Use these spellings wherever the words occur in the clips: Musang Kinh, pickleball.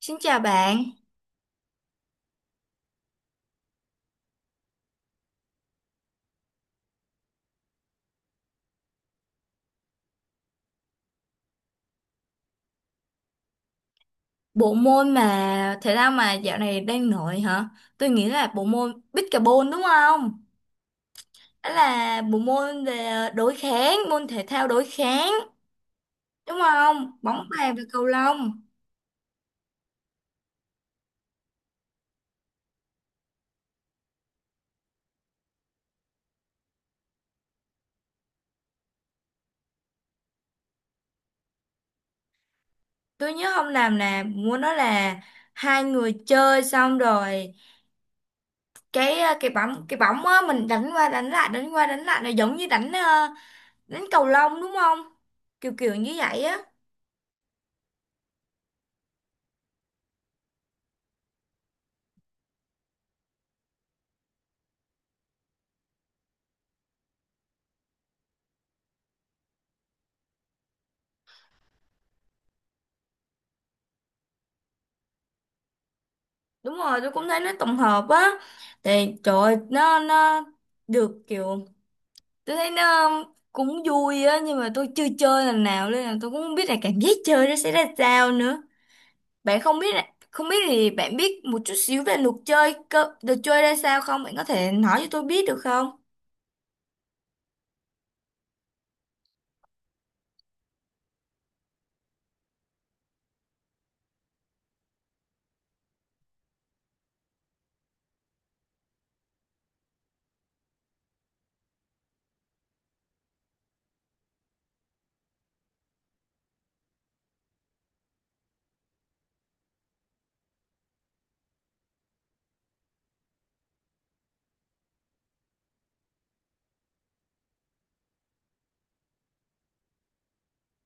Xin chào bạn, bộ môn mà thể thao mà dạo này đang nổi hả? Tôi nghĩ là bộ môn pickleball đúng không? Đó là bộ môn về đối kháng, môn thể thao đối kháng đúng không? Bóng bàn và cầu lông. Tôi nhớ không làm là môn đó là hai người chơi xong rồi cái cái bóng á, mình đánh qua đánh lại đánh qua đánh lại, là giống như đánh đánh cầu lông đúng không? Kiểu kiểu như vậy á. Đúng rồi, tôi cũng thấy nó tổng hợp á. Thì trời ơi, nó được kiểu tôi thấy nó cũng vui á, nhưng mà tôi chưa chơi lần nào nên là tôi cũng không biết là cảm giác chơi nó sẽ ra sao nữa. Bạn không biết là không biết thì bạn biết một chút xíu về luật chơi cơ, được chơi ra sao không, bạn có thể nói cho tôi biết được không?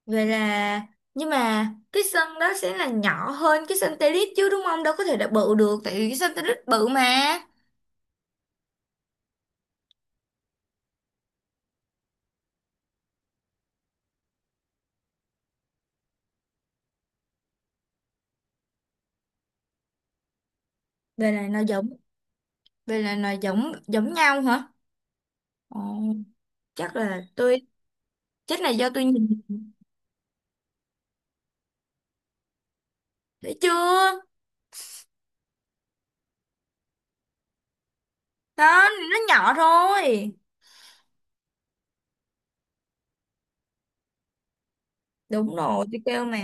Vậy là nhưng mà cái sân đó sẽ là nhỏ hơn cái sân tennis chứ, đúng không? Đâu có thể là bự được, tại vì cái sân tennis bự mà. Vậy là nó giống, vậy là nó giống giống nhau hả? Ồ. Chắc là tôi chắc là do tôi nhìn thấy chưa, đó nó nhỏ thôi. Đúng rồi tôi kêu mà.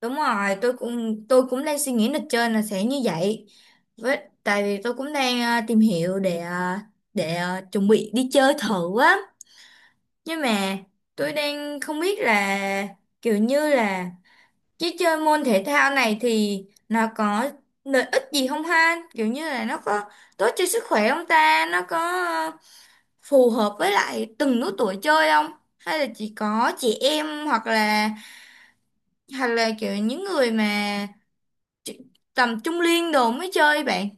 Đúng rồi, tôi cũng đang suy nghĩ lịch trên là sẽ như vậy. Với tại vì tôi cũng đang tìm hiểu để để chuẩn bị đi chơi thử á. Nhưng mà tôi đang không biết là kiểu như là chứ chơi môn thể thao này thì nó có lợi ích gì không ha? Kiểu như là nó có tốt cho sức khỏe không ta? Nó có ờ, phù hợp với lại từng lứa tuổi chơi không? Hay là chỉ có chị em hoặc là kiểu những người mà chu- tầm trung niên đồ mới chơi bạn?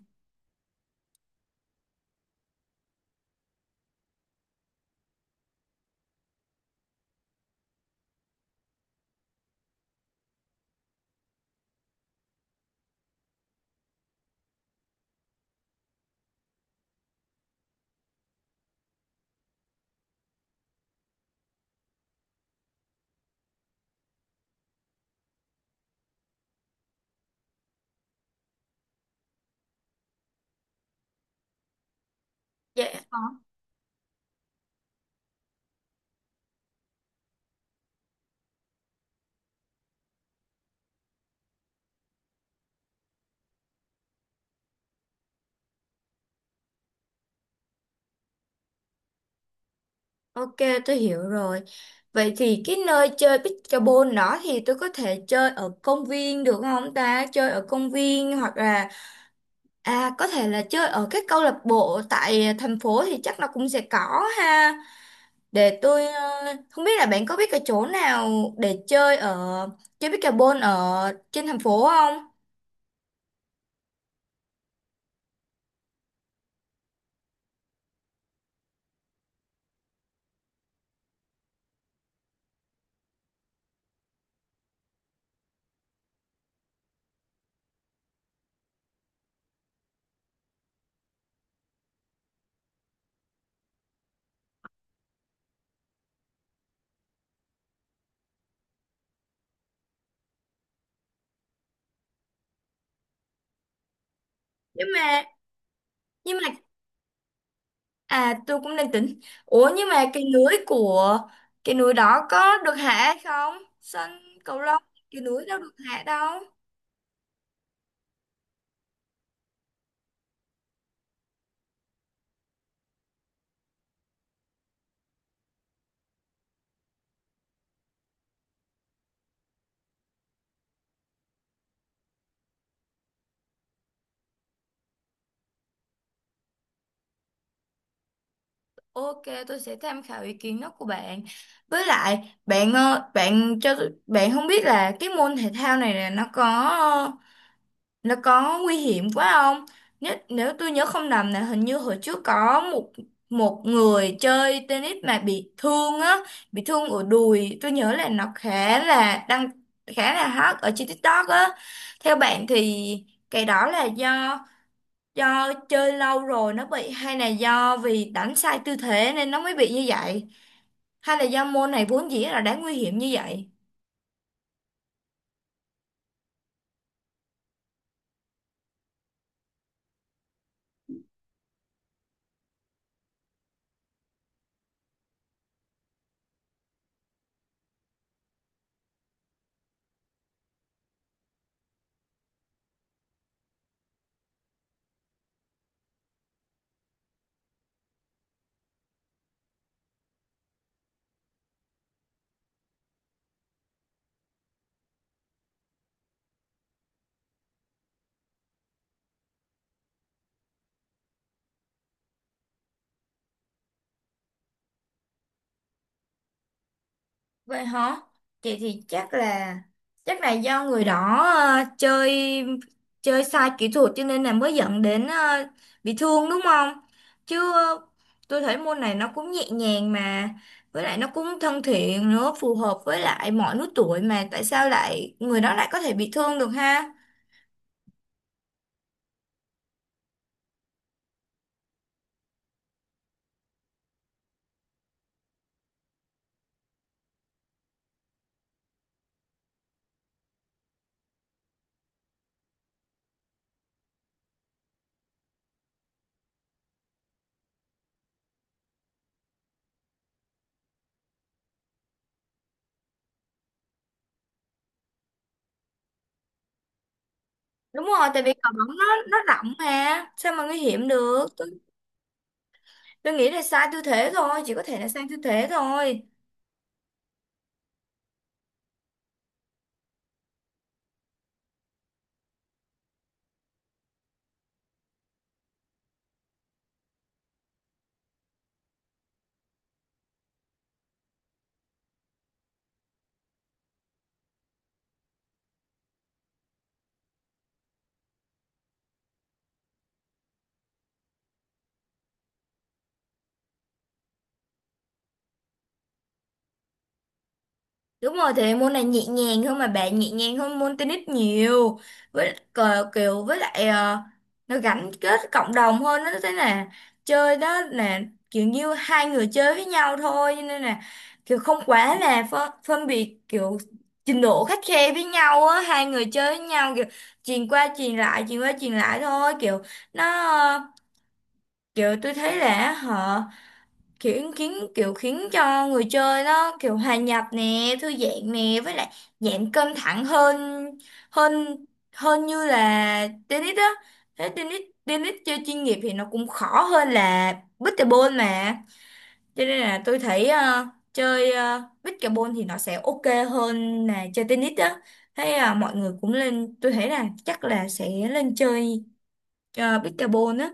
Dạ. Ờ. Ok, tôi hiểu rồi. Vậy thì cái nơi chơi pickleball đó thì tôi có thể chơi ở công viên được không ta? Chơi ở công viên hoặc là à, có thể là chơi ở cái câu lạc bộ tại thành phố thì chắc là cũng sẽ có ha. Để tôi không biết là bạn có biết cái chỗ nào để chơi ở chơi pickleball ở trên thành phố không? Nhưng mà nhưng mà à, tôi cũng đang tính. Ủa nhưng mà cái lưới của cái núi đó có được hạ hay không? Sân cầu lông cái núi đâu được hạ đâu. Ok, tôi sẽ tham khảo ý kiến đó của bạn. Với lại, bạn bạn cho bạn không biết là cái môn thể thao này là nó có nguy hiểm quá không? Nếu tôi nhớ không nhầm là hình như hồi trước có một một người chơi tennis mà bị thương á, bị thương ở đùi. Tôi nhớ là nó khá là đăng, khá là hot ở trên TikTok á. Theo bạn thì cái đó là do do chơi lâu rồi nó bị, hay là do vì đánh sai tư thế nên nó mới bị như vậy? Hay là do môn này vốn dĩ là đã nguy hiểm như vậy? Vậy hả? Chị thì chắc là do người đó chơi chơi sai kỹ thuật cho nên là mới dẫn đến bị thương đúng không? Chứ tôi thấy môn này nó cũng nhẹ nhàng mà, với lại nó cũng thân thiện nữa, phù hợp với lại mọi lứa tuổi, mà tại sao lại người đó lại có thể bị thương được ha? Đúng rồi, tại vì cờ bóng nó rộng mà, sao mà nguy hiểm được? Tôi nghĩ là sai tư thế thôi, chỉ có thể là sai tư thế thôi. Đúng rồi, thì môn này nhẹ nhàng hơn mà bạn, nhẹ nhàng hơn môn tennis nhiều. Với cờ kiểu với lại nó gắn kết cộng đồng hơn, nó thế là chơi đó là kiểu như hai người chơi với nhau thôi, cho nên là kiểu không quá là phân biệt kiểu trình độ khắt khe với nhau á, hai người chơi với nhau kiểu truyền qua truyền lại, truyền qua truyền lại thôi, kiểu nó kiểu tôi thấy là họ kiểu khiến cho người chơi nó kiểu hòa nhập nè, thư giãn nè, với lại giảm căng thẳng hơn hơn hơn như là tennis á. Thế tennis tennis chơi chuyên nghiệp thì nó cũng khó hơn là pickleball mà. Cho nên là tôi thấy chơi pickleball thì nó sẽ ok hơn là chơi tennis á. Thế mọi người cũng lên, tôi thấy là chắc là sẽ lên chơi pickleball á.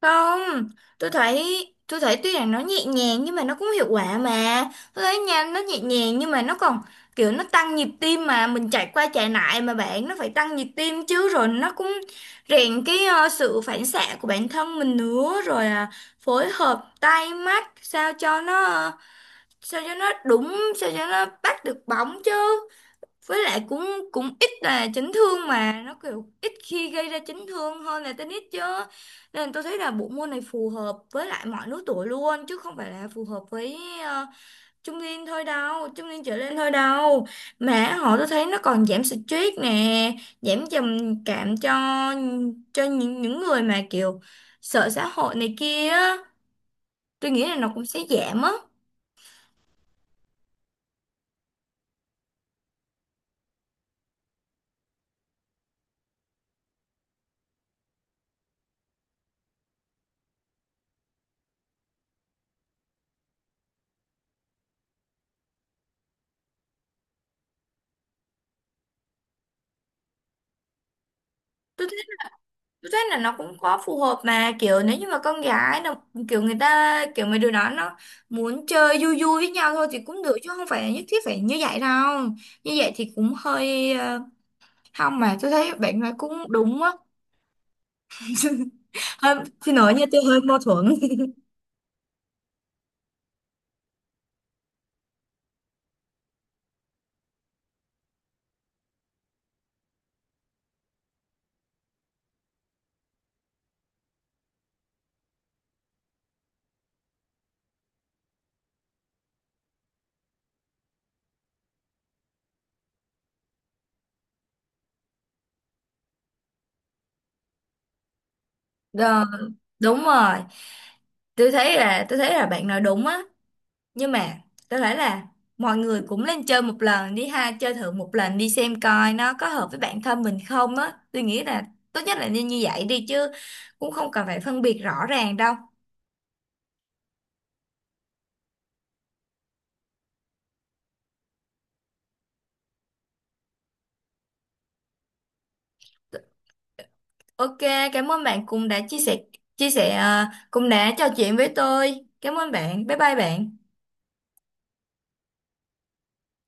Không, tôi thấy tôi thấy tuy rằng nó nhẹ nhàng nhưng mà nó cũng hiệu quả mà. Tôi thấy nha, nó nhẹ nhàng nhưng mà nó còn kiểu nó tăng nhịp tim, mà mình chạy qua chạy lại mà bạn, nó phải tăng nhịp tim chứ, rồi nó cũng rèn cái sự phản xạ của bản thân mình nữa, rồi phối hợp tay mắt sao cho nó sao cho nó đúng, sao cho nó bắt được bóng chứ. Với lại cũng cũng ít là chấn thương mà, nó kiểu ít khi gây ra chấn thương hơn là tennis chứ. Nên tôi thấy là bộ môn này phù hợp với lại mọi lứa tuổi luôn, chứ không phải là phù hợp với ờ, trung niên thôi đâu, trung niên trở lên thôi đâu. Mà họ tôi thấy nó còn giảm stress nè, giảm trầm cảm cho những người mà kiểu sợ xã hội này kia á. Tôi nghĩ là nó cũng sẽ giảm á. Tôi thấy là nó cũng có phù hợp mà, kiểu nếu như mà con gái nó kiểu người ta kiểu mấy đứa đó nó muốn chơi vui vui với nhau thôi thì cũng được, chứ không phải nhất thiết phải như vậy đâu. Như vậy thì cũng hơi không, mà tôi thấy bạn nói cũng đúng á. Hơi xin lỗi nha, tôi hơi mâu thuẫn. Ờ, đúng rồi, tôi thấy là bạn nói đúng á. Nhưng mà có thể là mọi người cũng lên chơi một lần đi ha, chơi thử một lần đi xem coi nó có hợp với bản thân mình không á. Tôi nghĩ là tốt nhất là nên như vậy đi, chứ cũng không cần phải phân biệt rõ ràng đâu. Ok, cảm ơn bạn cũng đã chia sẻ, cũng đã trò chuyện với tôi. Cảm ơn bạn, bye bye bạn.